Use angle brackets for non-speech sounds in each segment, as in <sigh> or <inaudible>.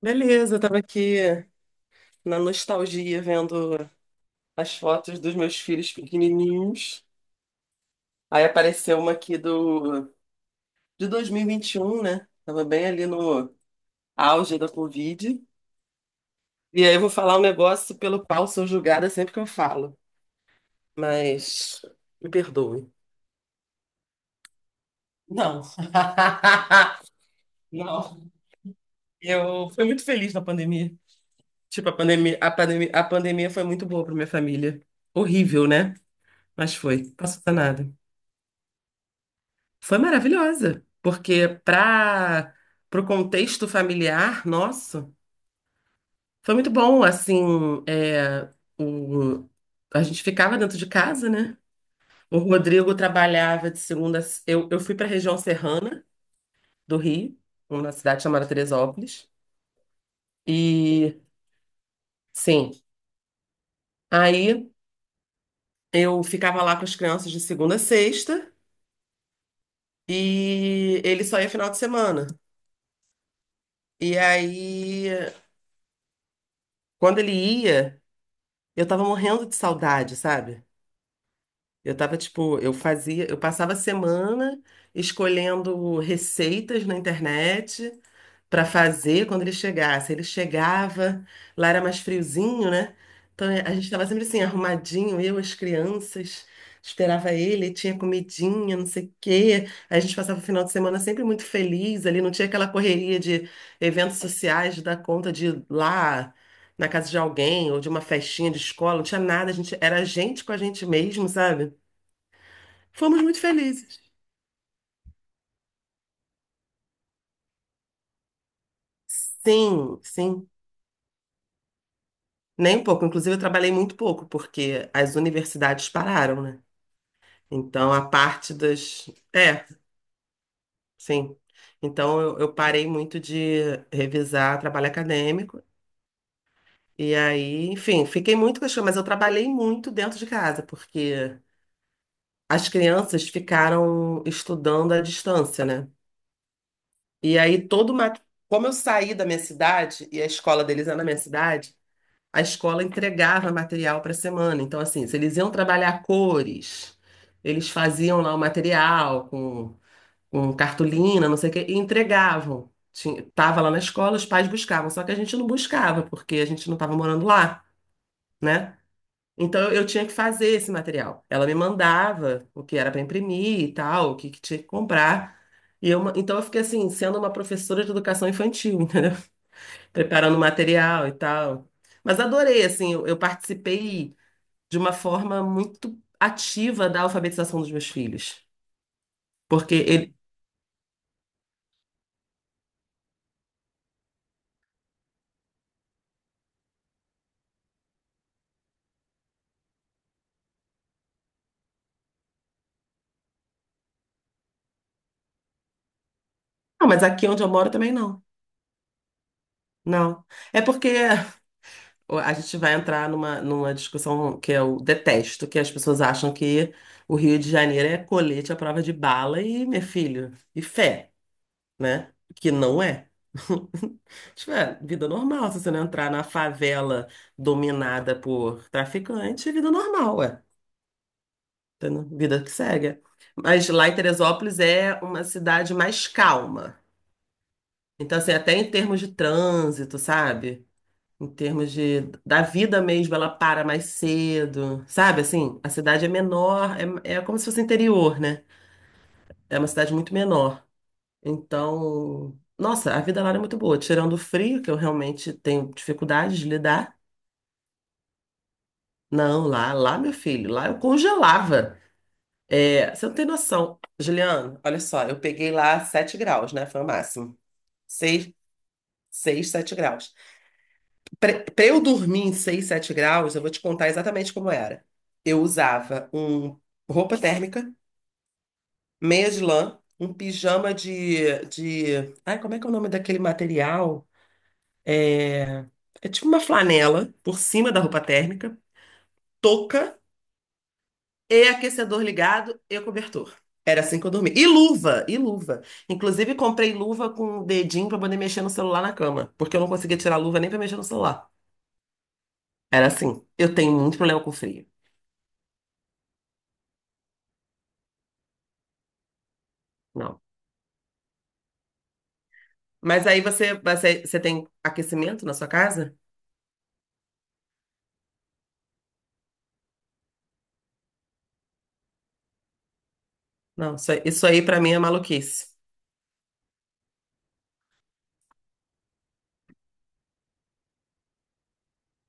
Beleza, eu tava aqui na nostalgia vendo as fotos dos meus filhos pequenininhos. Aí apareceu uma aqui do de 2021, né? Tava bem ali no auge da Covid. E aí eu vou falar um negócio pelo qual sou julgada sempre que eu falo, mas me perdoe. Não. <laughs> Não. Eu fui muito feliz na pandemia. Tipo, a pandemia, a pandemia, a pandemia foi muito boa para minha família. Horrível, né? Mas foi. Passou nada. Foi maravilhosa, porque para o contexto familiar nosso, foi muito bom, assim, é, o, a gente ficava dentro de casa, né? O Rodrigo trabalhava de segunda, eu fui para a região serrana do Rio, uma cidade chamada Teresópolis, e sim, aí eu ficava lá com as crianças de segunda a sexta, e ele só ia final de semana, e aí... Quando ele ia, eu tava morrendo de saudade, sabe? Eu tava tipo, eu fazia, eu passava a semana escolhendo receitas na internet para fazer quando ele chegasse. Ele chegava, lá era mais friozinho, né? Então a gente estava sempre assim, arrumadinho, eu, as crianças, esperava ele, tinha comidinha, não sei o quê. A gente passava o final de semana sempre muito feliz ali, não tinha aquela correria de eventos sociais, de dar conta de ir lá na casa de alguém ou de uma festinha de escola, não tinha nada, a gente era a gente com a gente mesmo, sabe? Fomos muito felizes. Sim, sim. Nem um pouco. Inclusive, eu trabalhei muito pouco, porque as universidades pararam, né? Então, a parte das. É, sim. Então, eu parei muito de revisar trabalho acadêmico. E aí, enfim, fiquei muito com as crianças, mas eu trabalhei muito dentro de casa, porque as crianças ficaram estudando à distância, né? E aí, todo uma. Como eu saí da minha cidade, e a escola deles é na minha cidade. A escola entregava material para a semana. Então, assim, se eles iam trabalhar cores, eles faziam lá o material com cartolina, não sei o quê, e entregavam. Tinha, tava lá na escola, os pais buscavam, só que a gente não buscava, porque a gente não estava morando lá, né? Então eu tinha que fazer esse material. Ela me mandava o que era para imprimir e tal, o que tinha que comprar. Então eu fiquei assim, sendo uma professora de educação infantil, <laughs> entendeu? Preparando material e tal. Mas adorei, assim, eu participei de uma forma muito ativa da alfabetização dos meus filhos. Porque ele. Não, mas aqui onde eu moro também não. Não. É porque a gente vai entrar numa discussão que eu detesto, que as pessoas acham que o Rio de Janeiro é colete à prova de bala e, meu filho, e fé. Né? Que não é. <laughs> Tipo, é vida normal. Se você não entrar na favela dominada por traficante, é vida normal, ué. Entendeu? Vida que segue. Mas lá em Teresópolis é uma cidade mais calma. Então, assim, até em termos de trânsito, sabe? Em termos de, da vida mesmo, ela para mais cedo, sabe? Assim, a cidade é menor, é, é como se fosse interior, né? É uma cidade muito menor. Então, nossa, a vida lá era muito boa, tirando o frio, que eu realmente tenho dificuldade de lidar. Não, lá, lá, meu filho, lá eu congelava. É, você não tem noção. Juliano, olha só, eu peguei lá 7 graus, né? Foi o máximo. 6, 6, 7 graus. Pra eu dormir em 6, 7 graus, eu vou te contar exatamente como era. Eu usava um roupa térmica, meia de lã, um pijama de... Ai, como é que é o nome daquele material? É tipo uma flanela por cima da roupa térmica, touca e aquecedor ligado e cobertor. Era assim que eu dormia. E luva, e luva. Inclusive, comprei luva com o dedinho pra poder mexer no celular na cama, porque eu não conseguia tirar a luva nem pra mexer no celular. Era assim. Eu tenho muito problema com frio. Não. Mas aí você tem aquecimento na sua casa? Não, isso aí para mim é maluquice.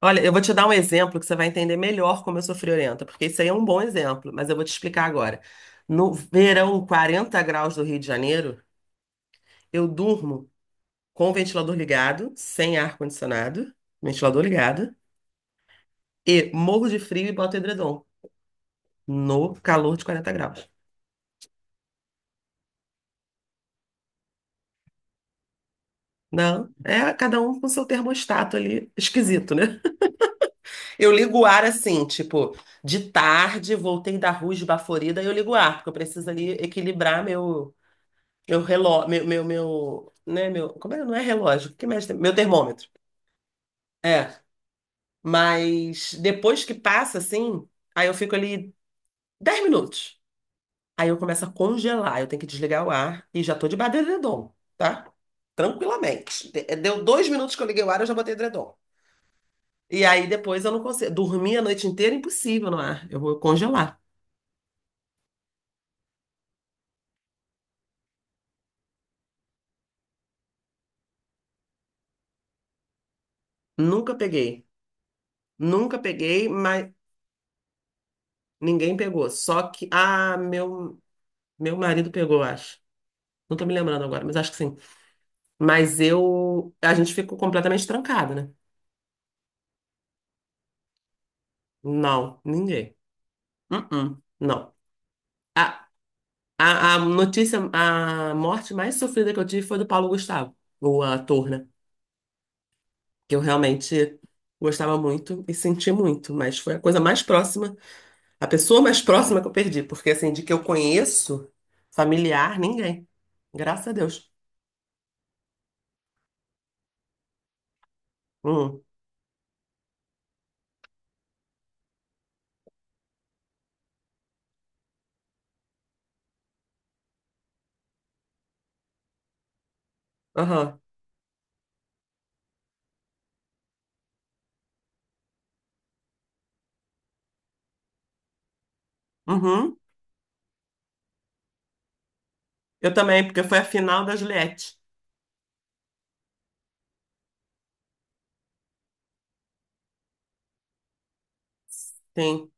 Olha, eu vou te dar um exemplo que você vai entender melhor como eu sou friorenta, porque isso aí é um bom exemplo, mas eu vou te explicar agora. No verão, 40 graus do Rio de Janeiro, eu durmo com o ventilador ligado, sem ar-condicionado, ventilador ligado, e morro de frio e boto edredom no calor de 40 graus. Não, é cada um com seu termostato ali, esquisito, né? Eu ligo o ar assim, tipo, de tarde, voltei da rua esbaforida, eu ligo o ar, porque eu preciso ali equilibrar meu relógio, né, meu, como é? Não é relógio, o que mexe? Meu termômetro. É. Mas depois que passa, assim, aí eu fico ali 10 minutos. Aí eu começo a congelar, eu tenho que desligar o ar e já tô de debaixo do edredom, tá? Tranquilamente. Deu 2 minutos que eu liguei o ar, eu já botei edredom. E aí depois eu não consigo. Dormir a noite inteira, impossível no ar. Eu vou congelar. Nunca peguei. Nunca peguei, mas ninguém pegou. Só que. Ah, meu marido pegou, acho. Não tô me lembrando agora, mas acho que sim. Mas eu. A gente ficou completamente trancado, né? Não, ninguém. Uh-uh, não. A, a notícia, a morte mais sofrida que eu tive foi do Paulo Gustavo, o ator, né? Que eu realmente gostava muito e senti muito, mas foi a coisa mais próxima, a pessoa mais próxima que eu perdi, porque assim, de que eu conheço, familiar, ninguém. Graças a Deus. Hum, aham, uhum. Eu também, porque foi a final da Juliette. Sim.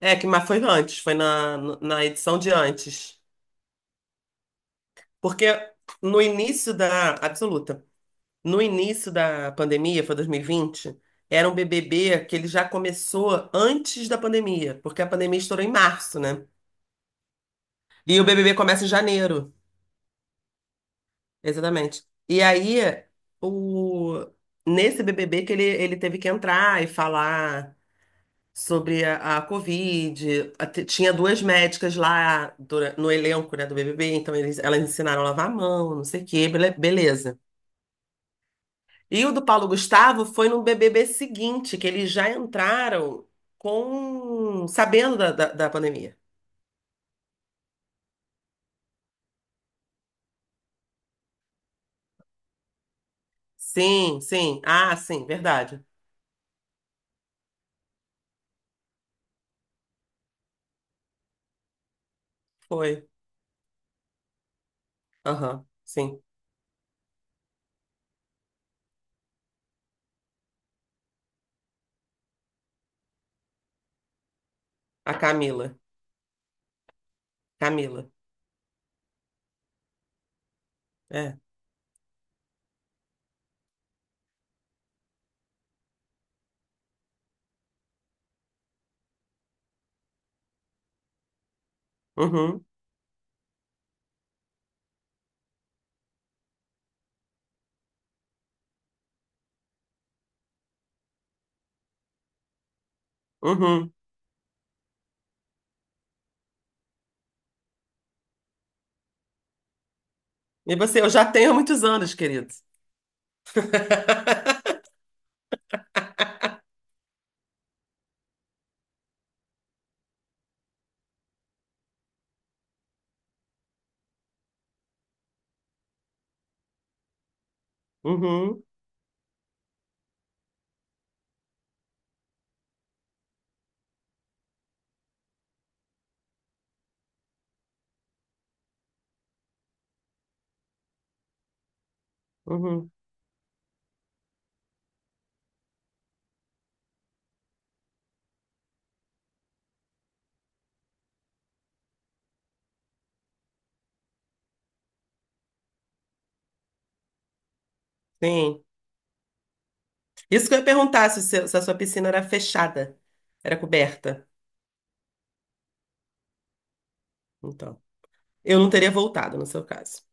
É, que, mas foi antes, foi na edição de antes. Porque no início da. Absoluta. No início da pandemia, foi 2020, era um BBB que ele já começou antes da pandemia, porque a pandemia estourou em março, né? E o BBB começa em janeiro, exatamente. E aí, o... nesse BBB que ele teve que entrar e falar. Sobre a Covid. Tinha duas médicas no elenco, né, do BBB, então eles, elas ensinaram a lavar a mão, não sei o quê, beleza. E o do Paulo Gustavo foi no BBB seguinte, que eles já entraram com sabendo da pandemia. Sim, sim. Ah, sim, verdade. Foi. Aham, sim. A Camila. Camila. É. Uhum, uhum. E você, eu já tenho há muitos anos, querido. <laughs> Uhum, uhum. Sim. Isso que eu ia perguntar se, o seu- se a sua piscina era fechada, era coberta. Então, eu não teria voltado no seu caso.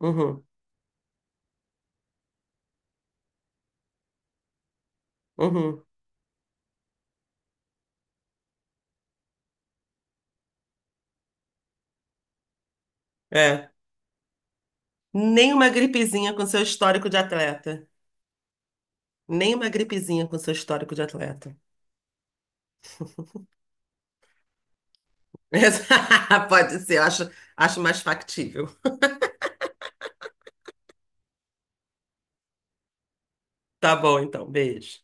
Uhum, uhum, é. Nem uma gripezinha com seu histórico de atleta. Nem uma gripezinha com seu histórico de atleta. <laughs> Pode ser, eu acho, acho mais factível. Tá bom, então, beijo.